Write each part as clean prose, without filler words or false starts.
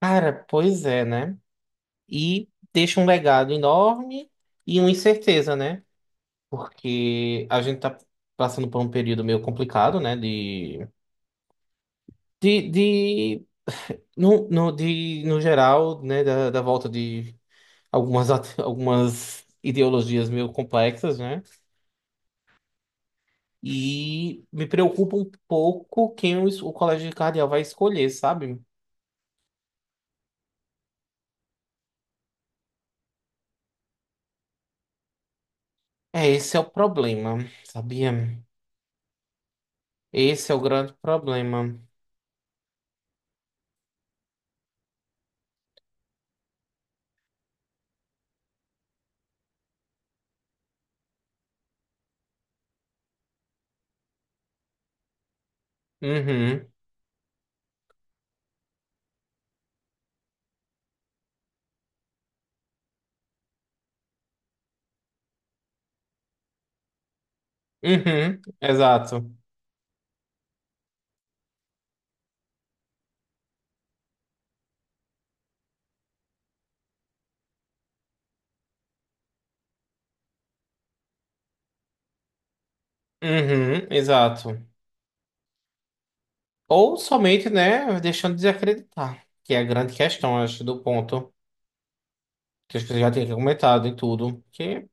Cara, pois é, né? E deixa um legado enorme e uma incerteza, né? Porque a gente tá passando por um período meio complicado, né? De, no, no, de, no geral, né? Da volta de algumas ideologias meio complexas, né? E me preocupa um pouco quem o colégio cardeal vai escolher, sabe? É, esse é o problema, sabia? Esse é o grande problema. Uhum. Uhum, exato. Uhum, exato. Ou somente, né, deixando de acreditar, que é a grande questão, acho, do ponto, que acho que você já tinha comentado e tudo, que,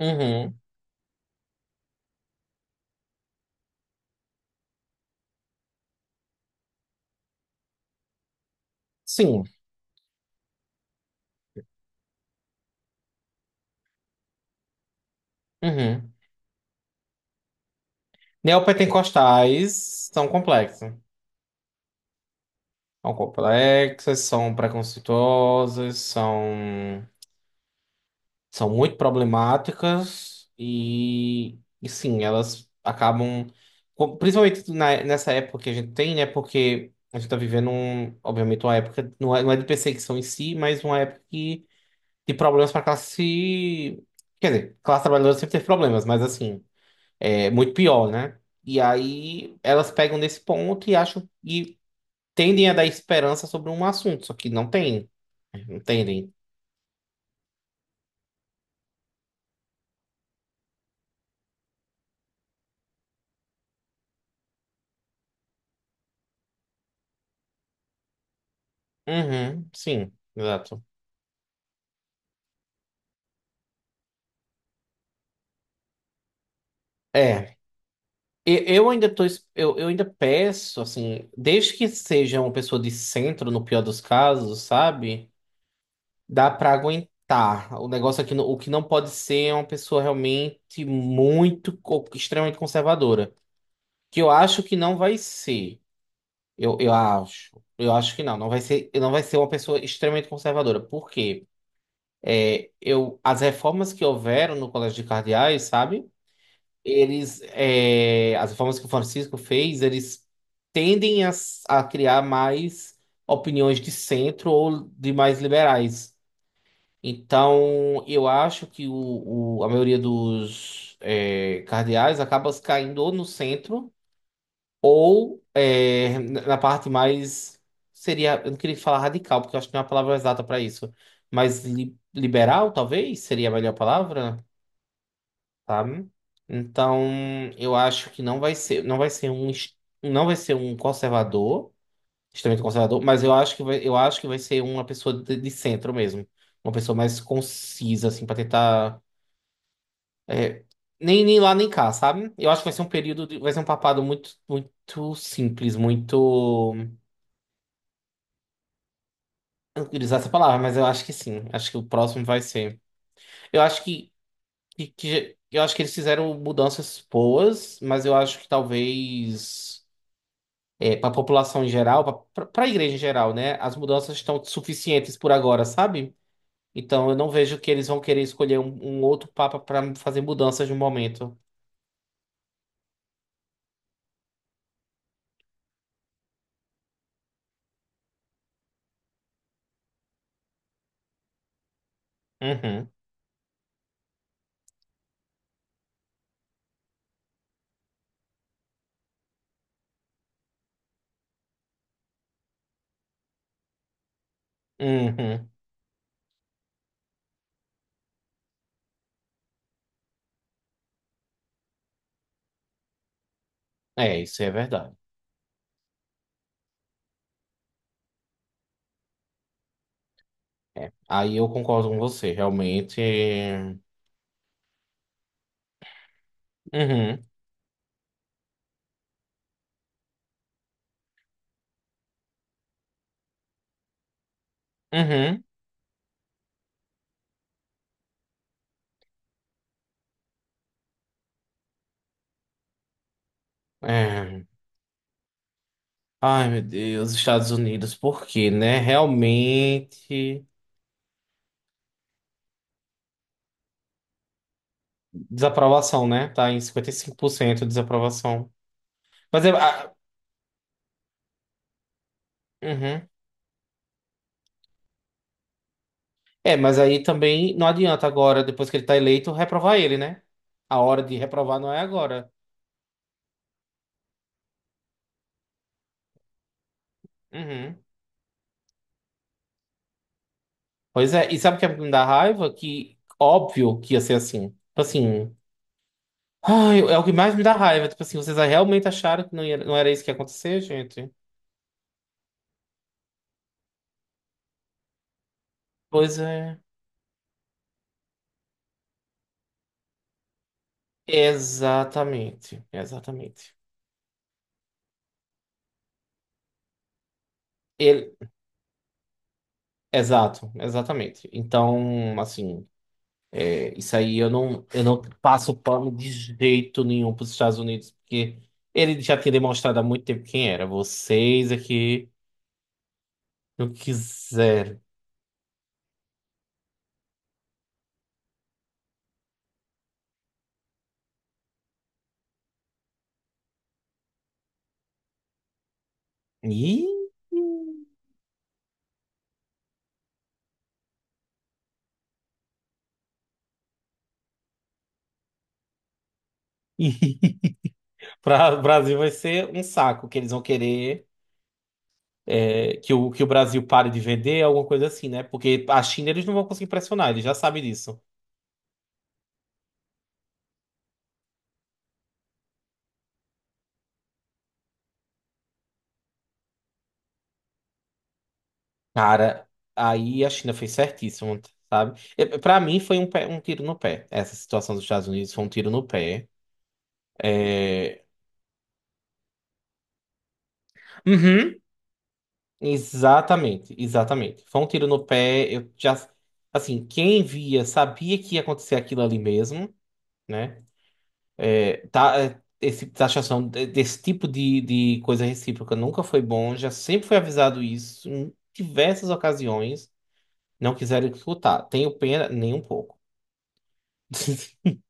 uhum, sim, uhum. Neopentecostais são complexos. São complexas, são preconceituosas, são... São muito problemáticas e sim, elas acabam, principalmente nessa época que a gente tem, né? Porque a gente está vivendo, um, obviamente, uma época, não é de perseguição em si, mas uma época que, de problemas para a classe. Quer dizer, classe trabalhadora sempre teve problemas, mas assim, é muito pior, né? E aí elas pegam nesse ponto e acham e tendem a dar esperança sobre um assunto, só que não tem. Não entendem? Uhum, sim, exato. É. E- Eu ainda tô, es- eu ainda peço, assim, desde que seja uma pessoa de centro, no pior dos casos, sabe? Dá pra aguentar. O negócio aqui, o que não pode ser é uma pessoa realmente muito extremamente conservadora. Que eu acho que não vai ser. Eu acho. Eu acho que não. Não vai ser uma pessoa extremamente conservadora. Por quê? É, eu, as reformas que houveram no Colégio de Cardeais, sabe? Eles, é, as reformas que o Francisco fez, eles tendem a criar mais opiniões de centro ou de mais liberais. Então, eu acho que a maioria dos é, cardeais acaba caindo ou no centro ou é, na parte mais. Seria, eu não queria falar radical, porque eu acho que não é a palavra exata para isso. Mas liberal, talvez, seria a melhor palavra? Sabe? Então, eu acho que não vai ser, não vai ser um conservador, extremamente conservador, mas eu acho que vai, eu acho que vai ser uma pessoa de centro mesmo, uma pessoa mais concisa assim para tentar é, nem nem lá nem cá, sabe? Eu acho que vai ser vai ser um papado muito muito simples, muito eu não queria usar essa palavra, mas eu acho que sim, acho que o próximo vai ser. Eu acho que eu acho que eles fizeram mudanças boas, mas eu acho que talvez para a população em geral, para a igreja em geral, né? As mudanças estão suficientes por agora, sabe? Então eu não vejo que eles vão querer escolher um, um outro papa para fazer mudanças no momento. Uhum, uhum. É, isso é verdade. Aí eu concordo com você, realmente. Uhum, uhum. É. Ai, meu Deus, Estados Unidos, por quê, né? Realmente. Desaprovação, né? Tá em 55% de desaprovação. Mas é. Ah, uhum. É, mas aí também não adianta agora, depois que ele tá eleito, reprovar ele, né? A hora de reprovar não é agora. Uhum. Pois é, e sabe o que me dá raiva? Que óbvio que ia ser assim. Tipo assim, ai, é o que mais me dá raiva. Tipo assim, vocês realmente acharam que não era isso que ia acontecer, gente? Pois é. Exatamente, exatamente. Ele, exato, exatamente. Então, assim. Isso aí eu não passo pano de jeito nenhum para os Estados Unidos, porque ele já tinha demonstrado há muito tempo quem era. Vocês aqui não quiseram. Ih! Para o Brasil vai ser um saco, que eles vão querer é, que o Brasil pare de vender, alguma coisa assim, né? Porque a China eles não vão conseguir pressionar, eles já sabem disso. Cara, aí a China fez certíssimo, sabe? Para mim foi um tiro no pé. Essa situação dos Estados Unidos foi um tiro no pé. É, uhum, exatamente, exatamente. Foi um tiro no pé. Eu já, assim, quem via sabia que ia acontecer aquilo ali mesmo, né? É, tá, é, esse tipo de taxação, desse tipo de coisa recíproca nunca foi bom. Já sempre foi avisado isso em diversas ocasiões. Não quiseram escutar. Tenho pena, nem um pouco.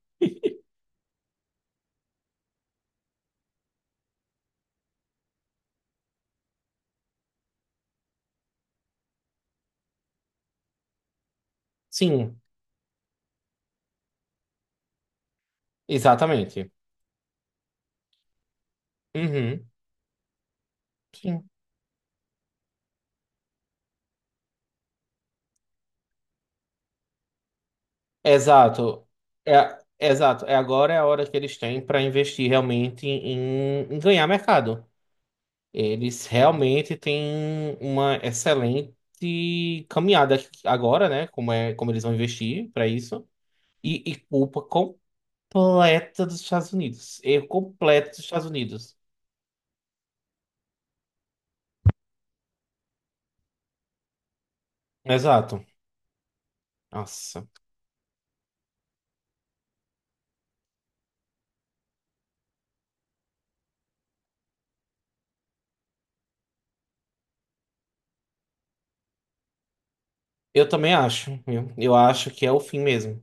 Sim, exatamente. Uhum, sim. Exato. É, exato. É agora é a hora que eles têm para investir realmente em, em ganhar mercado. Eles realmente têm uma excelente caminhada agora, né? Como é, como eles vão investir para isso. E culpa completa dos Estados Unidos. Erro completo dos Estados Unidos. Exato. Nossa. Eu também acho, viu? Eu acho que é o fim mesmo.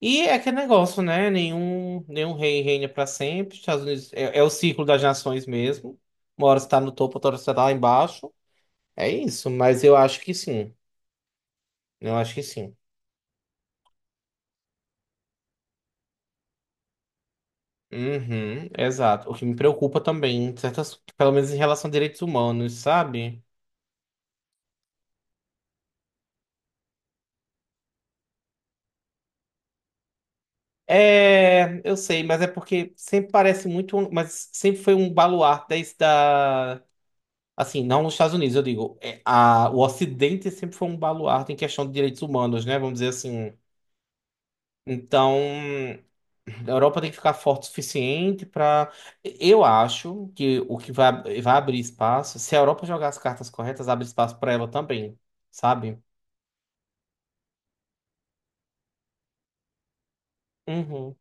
E é aquele negócio, né? Nenhum rei reina para sempre. Estados Unidos é, é o ciclo das nações mesmo. Uma hora você tá no topo, outra hora você tá lá embaixo. É isso, mas eu acho que sim. Eu acho que sim. Uhum, exato. O que me preocupa também, certas, pelo menos em relação a direitos humanos, sabe? É, eu sei, mas é porque sempre parece muito, mas sempre foi um baluarte desde da, assim, não nos Estados Unidos, eu digo, é, a, o Ocidente sempre foi um baluarte em questão de direitos humanos, né? Vamos dizer assim. Então, a Europa tem que ficar forte o suficiente para. Eu acho que o que vai, vai abrir espaço, se a Europa jogar as cartas corretas, abre espaço para ela também, sabe? Uhum.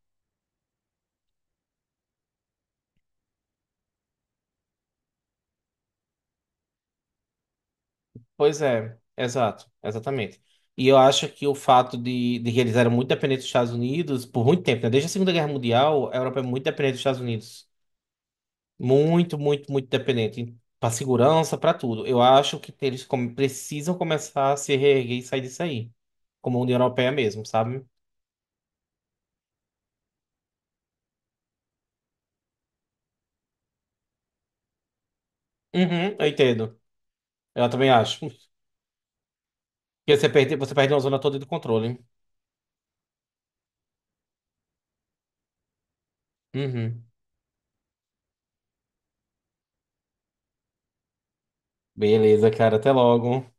Pois é, exato, exatamente. E eu acho que o fato de que eles eram muito dependentes dos Estados Unidos por muito tempo, né? Desde a Segunda Guerra Mundial, a Europa é muito dependente dos Estados Unidos. Muito, muito, muito dependente. Para segurança, para tudo. Eu acho que eles precisam começar a se reerguer e sair disso aí. Como a União Europeia mesmo, sabe? Uhum, eu entendo. Eu também acho. Porque você perde uma zona toda de controle. Uhum. Beleza, cara. Até logo.